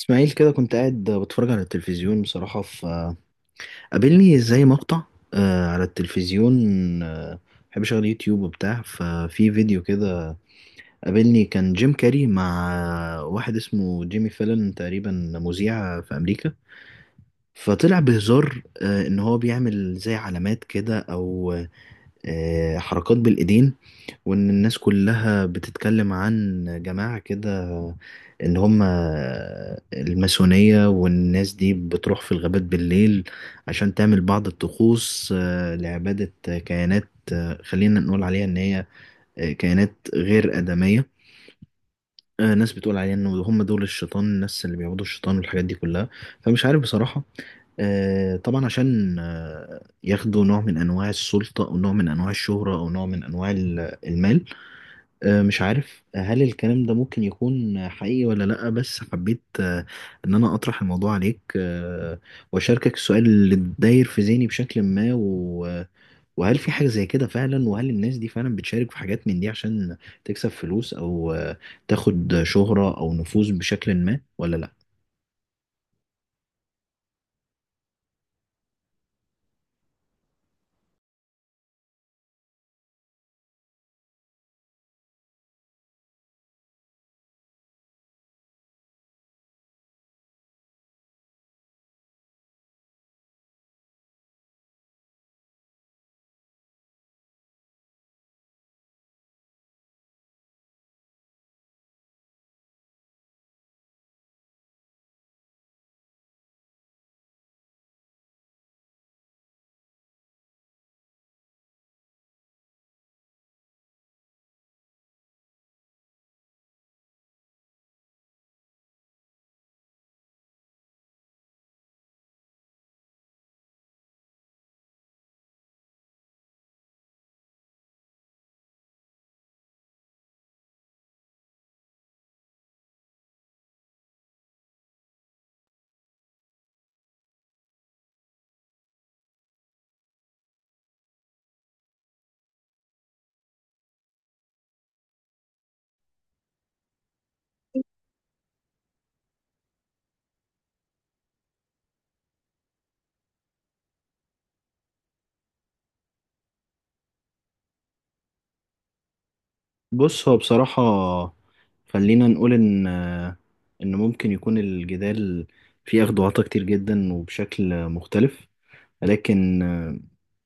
اسماعيل، كده كنت قاعد بتفرج على التلفزيون بصراحة، فقابلني زي مقطع على التلفزيون. آه، بحب اشغل يوتيوب وبتاع، ففي فيديو كده قابلني كان جيم كاري مع واحد اسمه جيمي فيلن، تقريبا مذيع في امريكا. فطلع بهزار ان هو بيعمل زي علامات كده، او حركات بالايدين. وإن الناس كلها بتتكلم عن جماعة كده، إن هم الماسونية، والناس دي بتروح في الغابات بالليل عشان تعمل بعض الطقوس لعبادة كيانات. خلينا نقول عليها إن هي كيانات غير آدمية. ناس بتقول عليها إن هم دول الشيطان، الناس اللي بيعبدوا الشيطان والحاجات دي كلها. فمش عارف بصراحة. طبعا عشان ياخدوا نوع من انواع السلطه، او نوع من انواع الشهره، او نوع من انواع المال. مش عارف هل الكلام ده ممكن يكون حقيقي ولا لأ، بس حبيت إن أنا أطرح الموضوع عليك، وأشاركك السؤال اللي داير في ذهني بشكل ما، وهل في حاجة زي كده فعلا؟ وهل الناس دي فعلا بتشارك في حاجات من دي عشان تكسب فلوس أو تاخد شهرة أو نفوذ بشكل ما ولا لأ؟ بص، هو بصراحة خلينا نقول إن ممكن يكون الجدال فيه أخدواتا كتير جدا وبشكل مختلف. لكن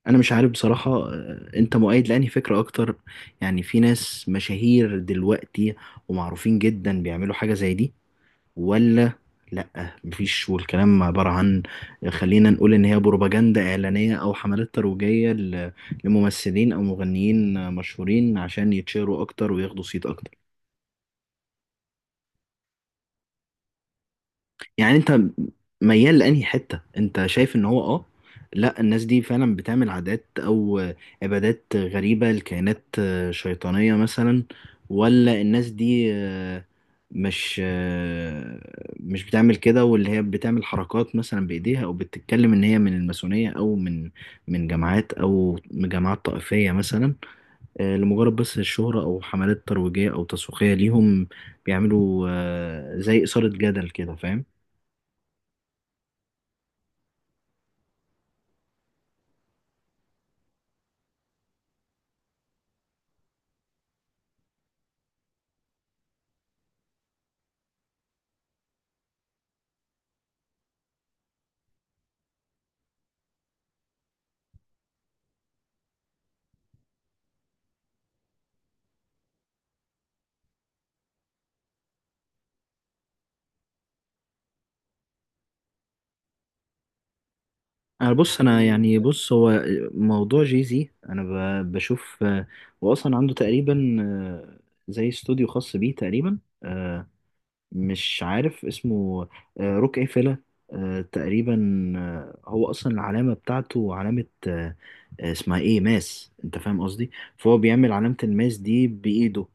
انا مش عارف بصراحة، انت مؤيد لأنهي فكرة اكتر؟ يعني في ناس مشاهير دلوقتي ومعروفين جدا بيعملوا حاجة زي دي، ولا لأ مفيش، والكلام عبارة عن، خلينا نقول، ان هي بروباجندا اعلانية او حملات ترويجية لممثلين او مغنيين مشهورين عشان يتشهروا اكتر وياخدوا صيت اكتر؟ يعني انت ميال لانهي حته؟ انت شايف ان هو لا، الناس دي فعلا بتعمل عادات او عبادات غريبه لكائنات شيطانيه مثلا، ولا الناس دي مش آه، مش بتعمل كده، واللي هي بتعمل حركات مثلا بايديها او بتتكلم ان هي من الماسونيه، او من جماعات، او من جماعات طائفيه مثلا، لمجرد بس الشهره او حملات ترويجيه او تسويقيه ليهم، بيعملوا زي اثاره جدل كده، فاهم؟ انا، بص، انا يعني بص، هو موضوع جيزي. انا بشوف، واصلا عنده تقريبا زي استوديو خاص بيه تقريبا. مش عارف اسمه. روك ايه فيلا تقريبا. هو اصلا العلامه بتاعته علامه اسمها ايه ماس، انت فاهم قصدي؟ فهو بيعمل علامه الماس دي بايده.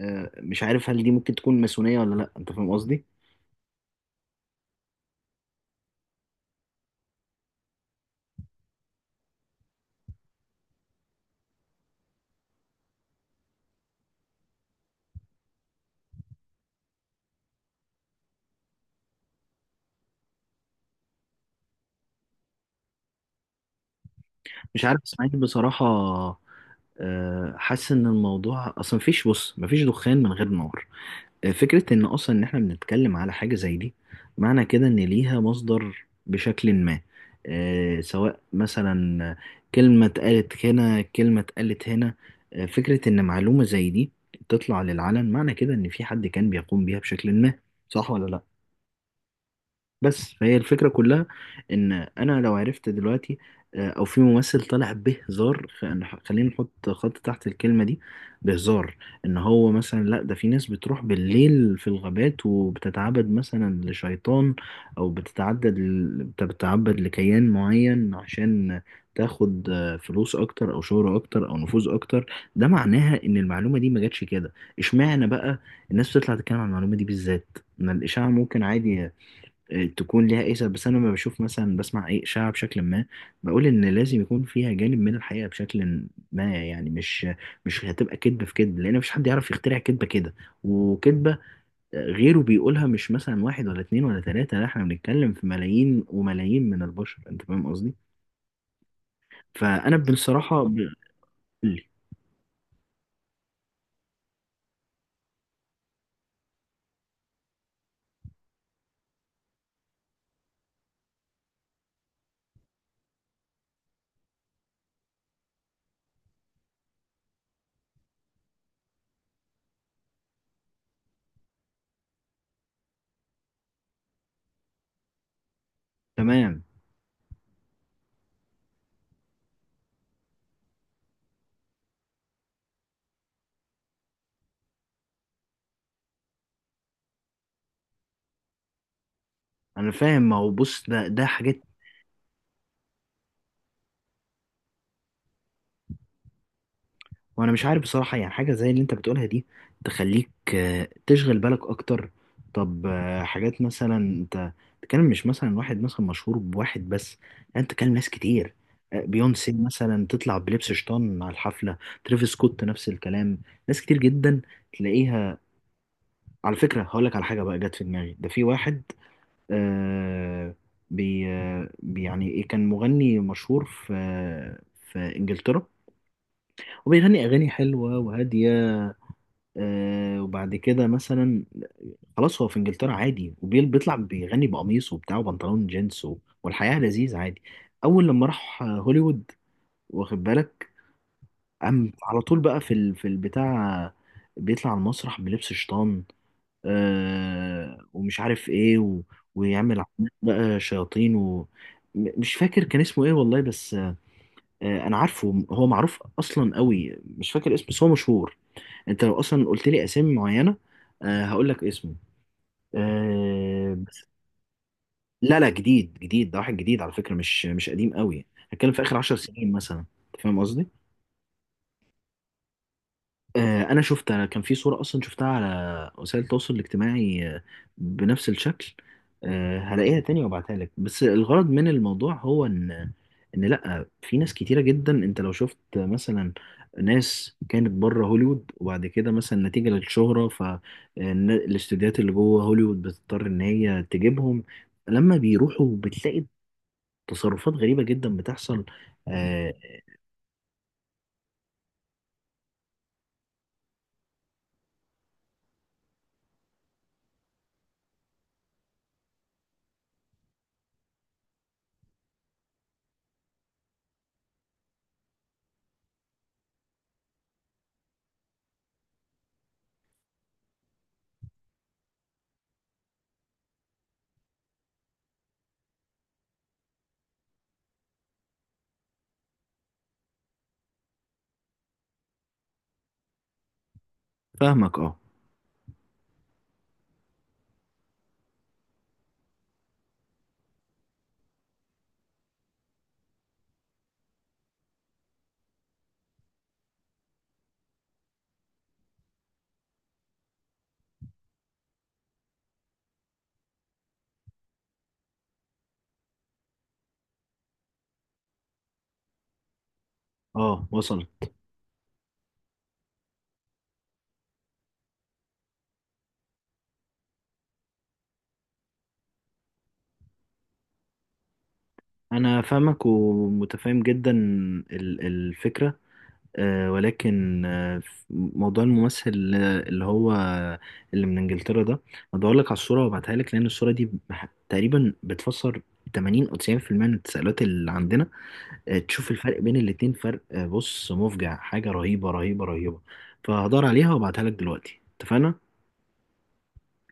مش عارف هل دي ممكن تكون ماسونيه ولا لا، انت فاهم قصدي؟ مش عارف اسمها ايه بصراحه. حاسس ان الموضوع، اصلا مفيش، بص، مفيش دخان من غير نار. فكره ان اصلا ان احنا بنتكلم على حاجه زي دي، معنى كده ان ليها مصدر بشكل ما. سواء مثلا كلمه اتقالت هنا، كلمه اتقالت هنا. فكره ان معلومه زي دي تطلع للعلن، معنى كده ان في حد كان بيقوم بيها بشكل ما، صح ولا لا؟ بس فهي الفكرة كلها، إن أنا لو عرفت دلوقتي أو في ممثل طالع بهزار، خلينا نحط خط تحت الكلمة دي، بهزار، إن هو مثلا لأ، ده في ناس بتروح بالليل في الغابات وبتتعبد مثلا لشيطان، أو بتتعدد بتتعبد لكيان معين عشان تاخد فلوس أكتر، أو شهرة أكتر، أو نفوذ أكتر. ده معناها إن المعلومة دي ما جاتش كده. إشمعنى بقى الناس بتطلع تتكلم عن المعلومة دي بالذات؟ إن الإشاعة ممكن عادي تكون ليها ايه سبب. بس انا لما بشوف مثلا، بسمع ايه اشاعه بشكل ما، بقول ان لازم يكون فيها جانب من الحقيقه بشكل ما. يعني مش هتبقى كذبه في كذب، لان مفيش حد يعرف يخترع كذبه كده وكذبه غيره بيقولها، مش مثلا واحد ولا اتنين ولا تلاته، لا احنا بنتكلم في ملايين وملايين من البشر، انت فاهم قصدي؟ فانا بصراحه تمام. انا فاهم، ما هو بص، ده حاجات. وانا مش عارف بصراحة، يعني حاجة زي اللي انت بتقولها دي تخليك تشغل بالك اكتر. طب حاجات مثلا، انت تتكلم مش مثلا واحد مثلا مشهور بواحد بس، لا، انت تتكلم ناس كتير. بيونسي مثلا تطلع بلبس شيطان على الحفلة، ترافيس سكوت نفس الكلام، ناس كتير جدا تلاقيها. على فكرة هقول لك على حاجة بقى جت في دماغي، ده في واحد آه يعني ايه، كان مغني مشهور في انجلترا، وبيغني اغاني حلوة وهادية. وبعد كده مثلا، خلاص هو في انجلترا عادي، وبيل بيطلع بيغني بقميص وبتاع وبنطلون جينز والحياة لذيذ عادي. اول لما راح هوليوود، واخد بالك، قام على طول بقى في البتاع، بيطلع على المسرح بلبس شيطان، ومش عارف ايه ويعمل عمال بقى شياطين مش فاكر كان اسمه ايه والله، بس انا عارفه، هو معروف اصلا قوي، مش فاكر اسمه بس هو مشهور. انت لو اصلا قلت لي اسامي معينة، هقول لك اسمه. آه، بس- لا، لا، جديد جديد، ده واحد جديد على فكرة، مش قديم قوي. هتكلم في آخر عشر سنين مثلا. أنت فاهم قصدي؟ انا شفت، أنا كان في صورة اصلا شفتها على وسائل التواصل الاجتماعي بنفس الشكل. هلاقيها تاني وابعتها لك. بس الغرض من الموضوع هو ان لا، في ناس كتيرة جدا، انت لو شفت مثلا ناس كانت بره هوليوود وبعد كده مثلا نتيجة للشهرة، فالاستوديوهات اللي جوه هوليوود بتضطر ان هي تجيبهم، لما بيروحوا بتلاقي تصرفات غريبة جدا بتحصل. آه، فاهمك اه. اه وصلت. انا فاهمك ومتفاهم جدا الفكره، ولكن موضوع الممثل اللي من انجلترا ده، بدور لك على الصوره وابعتها لك، لان الصوره دي تقريبا بتفسر 80 او 90% من التساؤلات اللي عندنا. تشوف الفرق بين الاتنين، فرق بص، مفجع، حاجه رهيبه رهيبه رهيبه. فهدور عليها وابعتها لك دلوقتي، اتفقنا؟